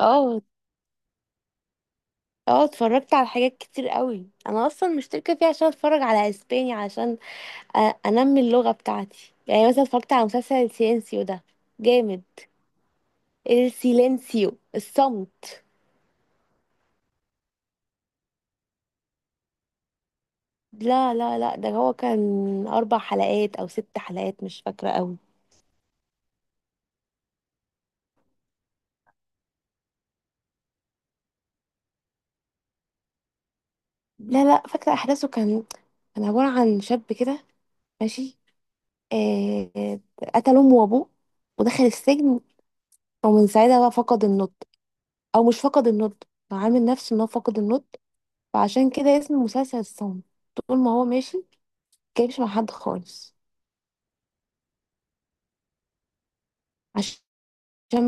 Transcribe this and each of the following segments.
اه، اه، اتفرجت على حاجات كتير قوي، انا اصلا مشتركه فيه عشان اتفرج على اسباني عشان انمي اللغه بتاعتي. يعني مثلا اتفرجت على مسلسل السيلينسيو ده، جامد. السيلينسيو الصمت. لا لا لا، ده هو كان اربع حلقات او ست حلقات، مش فاكره قوي. لا لا، فاكره احداثه، كان عباره عن شاب كده، ماشي. آه آه، قتل امه وابوه، ودخل السجن، ومن ساعتها بقى فقد النطق، او مش فقد النطق، هو عامل نفسه ان هو فقد النطق. فعشان كده اسم المسلسل الصمت. طول ما هو ماشي متجايبش مع حد خالص، عشان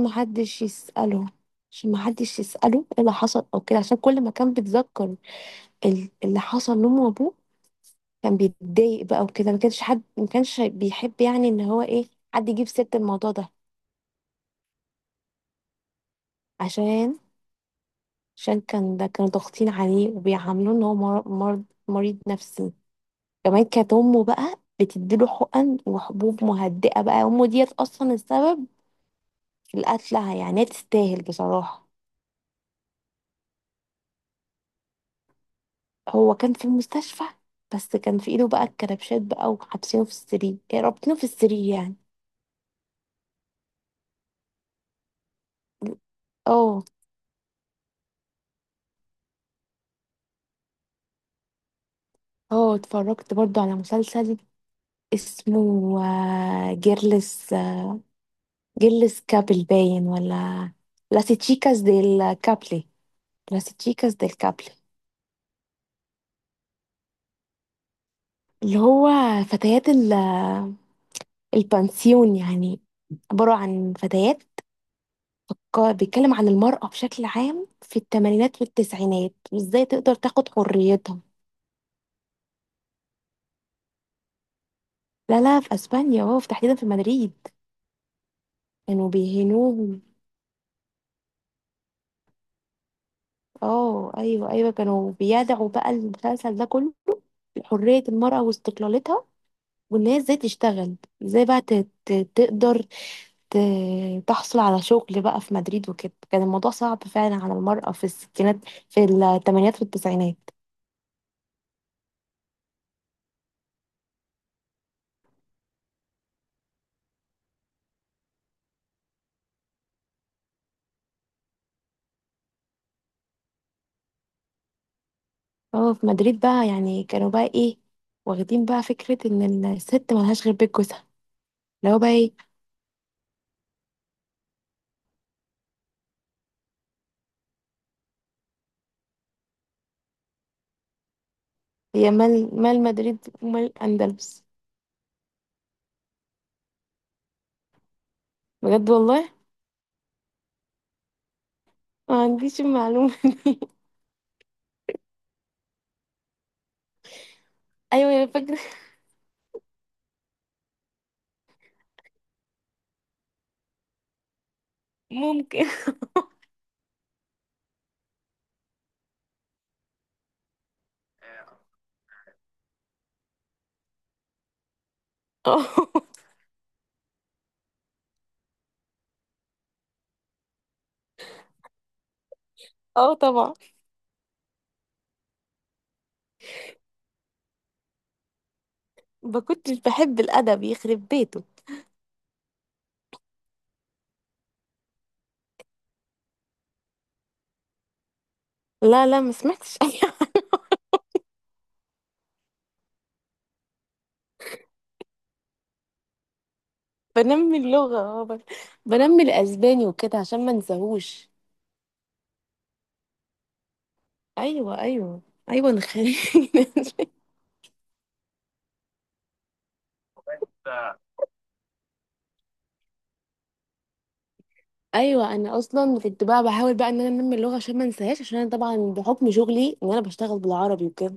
محدش يسأله عشان محدش يسأله ايه اللي حصل او كده، عشان كل ما كان بيتذكر اللي حصل لأمه وأبوه كان بيتضايق بقى وكده. ما كانش حد ما كانش بيحب يعني ان هو ايه، حد يجيب سيرة الموضوع ده. عشان عشان كان ده، كانوا ضاغطين عليه وبيعاملوه ان هو مر- مرض مريض نفسي. كمان كانت امه بقى بتديله حقن وحبوب مهدئة، بقى امه ديت اصلا السبب لقتلها، يعني هي تستاهل بصراحة. هو كان في المستشفى، بس كان في ايده بقى الكربشات بقى وحابسينه في السرير، رابطينه في السرير يعني. اه، اه، اتفرجت برضو على مسلسل، اسمه جيرلس، جيرلس كابل باين، ولا لاس تشيكاس ديل كابلي، لاس تشيكاس ديل كابلي. اللي هو فتيات البانسيون يعني، عبارة عن فتيات. بيتكلم عن المرأة بشكل عام في الثمانينات والتسعينات، وازاي تقدر تاخد حريتها. لا لا في اسبانيا، اه في تحديدا في مدريد. كانوا بيهنوهم. اه، ايوه، ايوه، كانوا بيدعوا بقى، المسلسل ده كله حرية المرأة واستقلالتها، وان هي ازاي تشتغل، ازاي بقى تقدر ت- تحصل على شغل بقى في مدريد وكده. كان الموضوع صعب فعلا على المرأة في الستينات، في الثمانينات والتسعينات. اه في مدريد بقى يعني، كانوا بقى ايه، واخدين بقى فكرة ان الست ملهاش غير بيت جوزها، اللي هو بقى ايه. هي مال مدريد ومال الأندلس؟ بجد والله، ما عنديش المعلومة. ايوه يا فاكرة. ممكن. اه، اه، طبعا. ما كنتش بحب الأدب يخرب بيته. لا لا، ما سمعتش. أيوة. بنمي اللغة، اه، بنمي الأسباني وكده عشان ما انساهوش. ايوه، ايوه، ايوه، نخلي. ايوه انا اصلا كنت بقى بحاول بقى ان انا انمي اللغه عشان ما انساهاش، عشان انا طبعا بحكم شغلي ان انا بشتغل بالعربي وكده.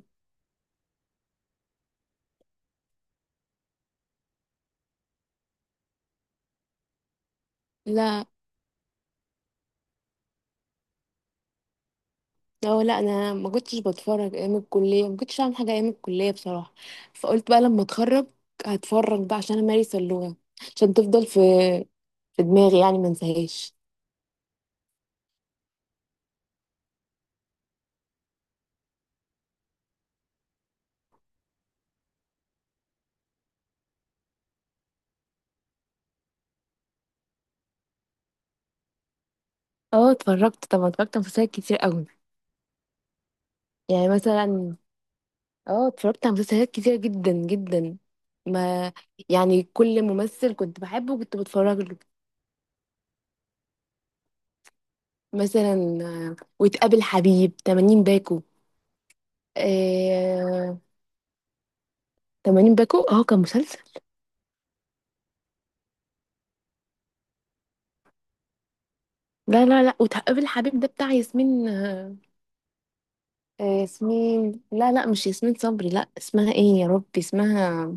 لا لا، انا ما كنتش بتفرج ايام الكليه، ما كنتش اعمل حاجه ايام الكليه بصراحه. فقلت بقى لما اتخرج هتفرج بقى عشان امارس اللغه، عشان تفضل في دماغي يعني ما انساهاش. اه اتفرجت طبعا، اتفرجت على مسلسلات كتير قوي. يعني مثلا، اه اتفرجت على مسلسلات كتير جدا جدا. ما يعني كل ممثل كنت بحبه كنت بتفرج له. مثلا وتقابل حبيب 80 باكو، آه... 80 باكو اه كان مسلسل. لا لا لا، وتقابل حبيب ده بتاع ياسمين، ياسمين، لا لا مش ياسمين صبري، لا اسمها ايه يا ربي، اسمها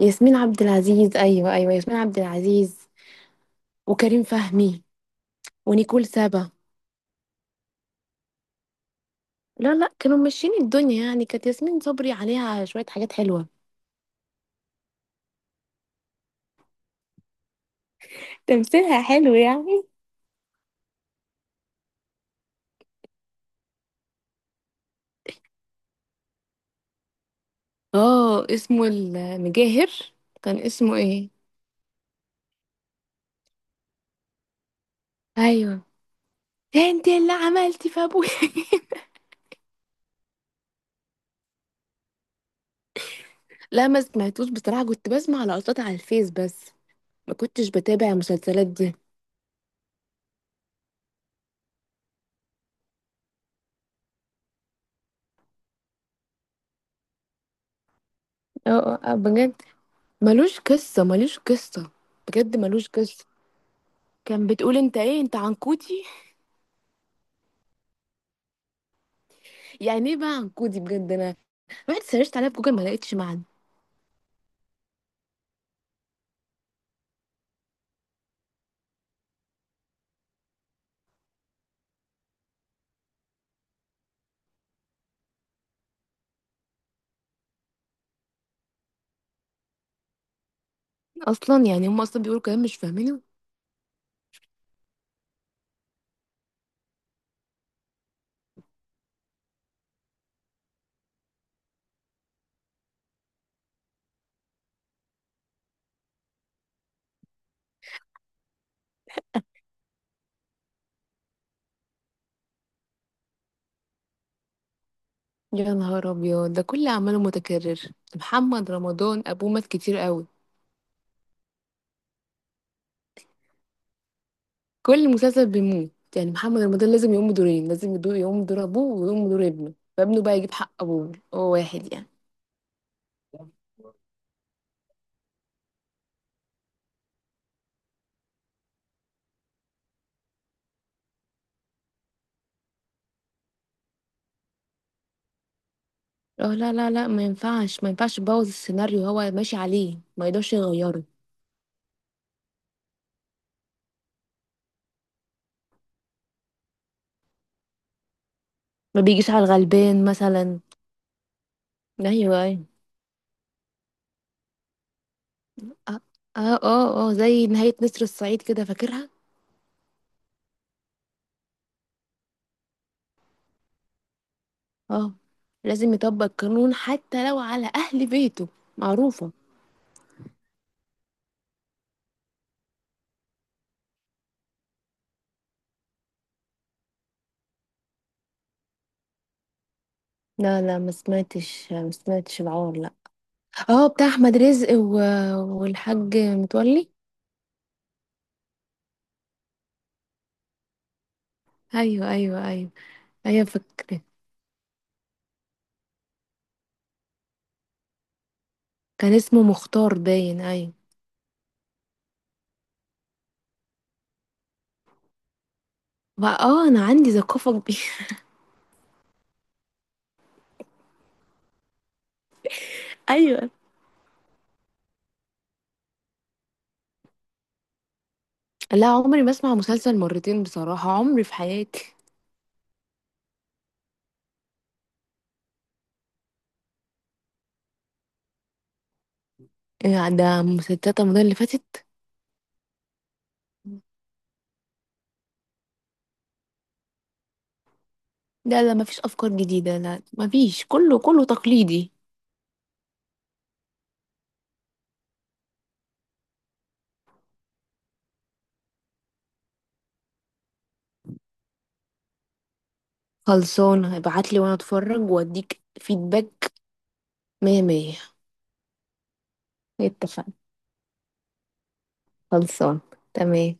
ياسمين عبد العزيز، ايوه، ايوه، ياسمين عبد العزيز. وكريم فهمي ونيكول سابا. لا لا كانوا ماشيين الدنيا يعني، كانت ياسمين صبري عليها شوية حاجات حلوة، تمثيلها حلو يعني. اه اسمه المجاهر، كان اسمه ايه؟ ايوه ده انت اللي عملتي في ابويا. لا ما سمعتوش بصراحة، كنت بسمع لقطات على الفيس بس، ما كنتش بتابع المسلسلات دي. اه، اه، بجد، ملوش قصة، ملوش قصة، بجد ملوش قصة. كان بتقول انت ايه، انت عنكودي؟ يعني ايه بقى عنكودي؟ بجد انا رحت سرشت عليها في جوجل ما لقيتش معنى. اصلا يعني هم اصلا بيقولوا كلام مش فاهمينه. يا نهار ابيض، ده كل اعماله متكرر، محمد رمضان ابوه مات كتير قوي، كل مسلسل بيموت. يعني محمد رمضان لازم يقوم بدورين، لازم يقوم بدور ابوه ويقوم بدور ابنه، فابنه بقى يجيب حق ابوه، هو واحد يعني. اه لا لا لا، ما ينفعش، ما ينفعش يبوظ السيناريو، هو ماشي عليه ما يقدرش يغيره. ما بيجيش على الغلبان مثلا. ايوه، ايوه. اه، اه، اه، زي نهاية نسر الصعيد كده، فاكرها. اه لازم يطبق القانون حتى لو على اهل بيته، معروفة. لا لا ما سمعتش، ما سمعتش العار لا. اه بتاع احمد رزق والحاج متولي. ايوه، ايوه، ايوه، ايوه، فكرة، كان اسمه مختار باين، ايوه. بقى اه انا عندي ثقافة كبيرة. ايوه. لا عمري ما اسمع مسلسل مرتين بصراحة، عمري في حياتي. إيه؟ ده مسلسلات رمضان اللي فاتت. لا لا مفيش افكار جديدة، لا مفيش، كله تقليدي. خلصان، ابعتلي وانا اتفرج واديك فيدباك، مية مية. اتفقنا. خلصان. تمام.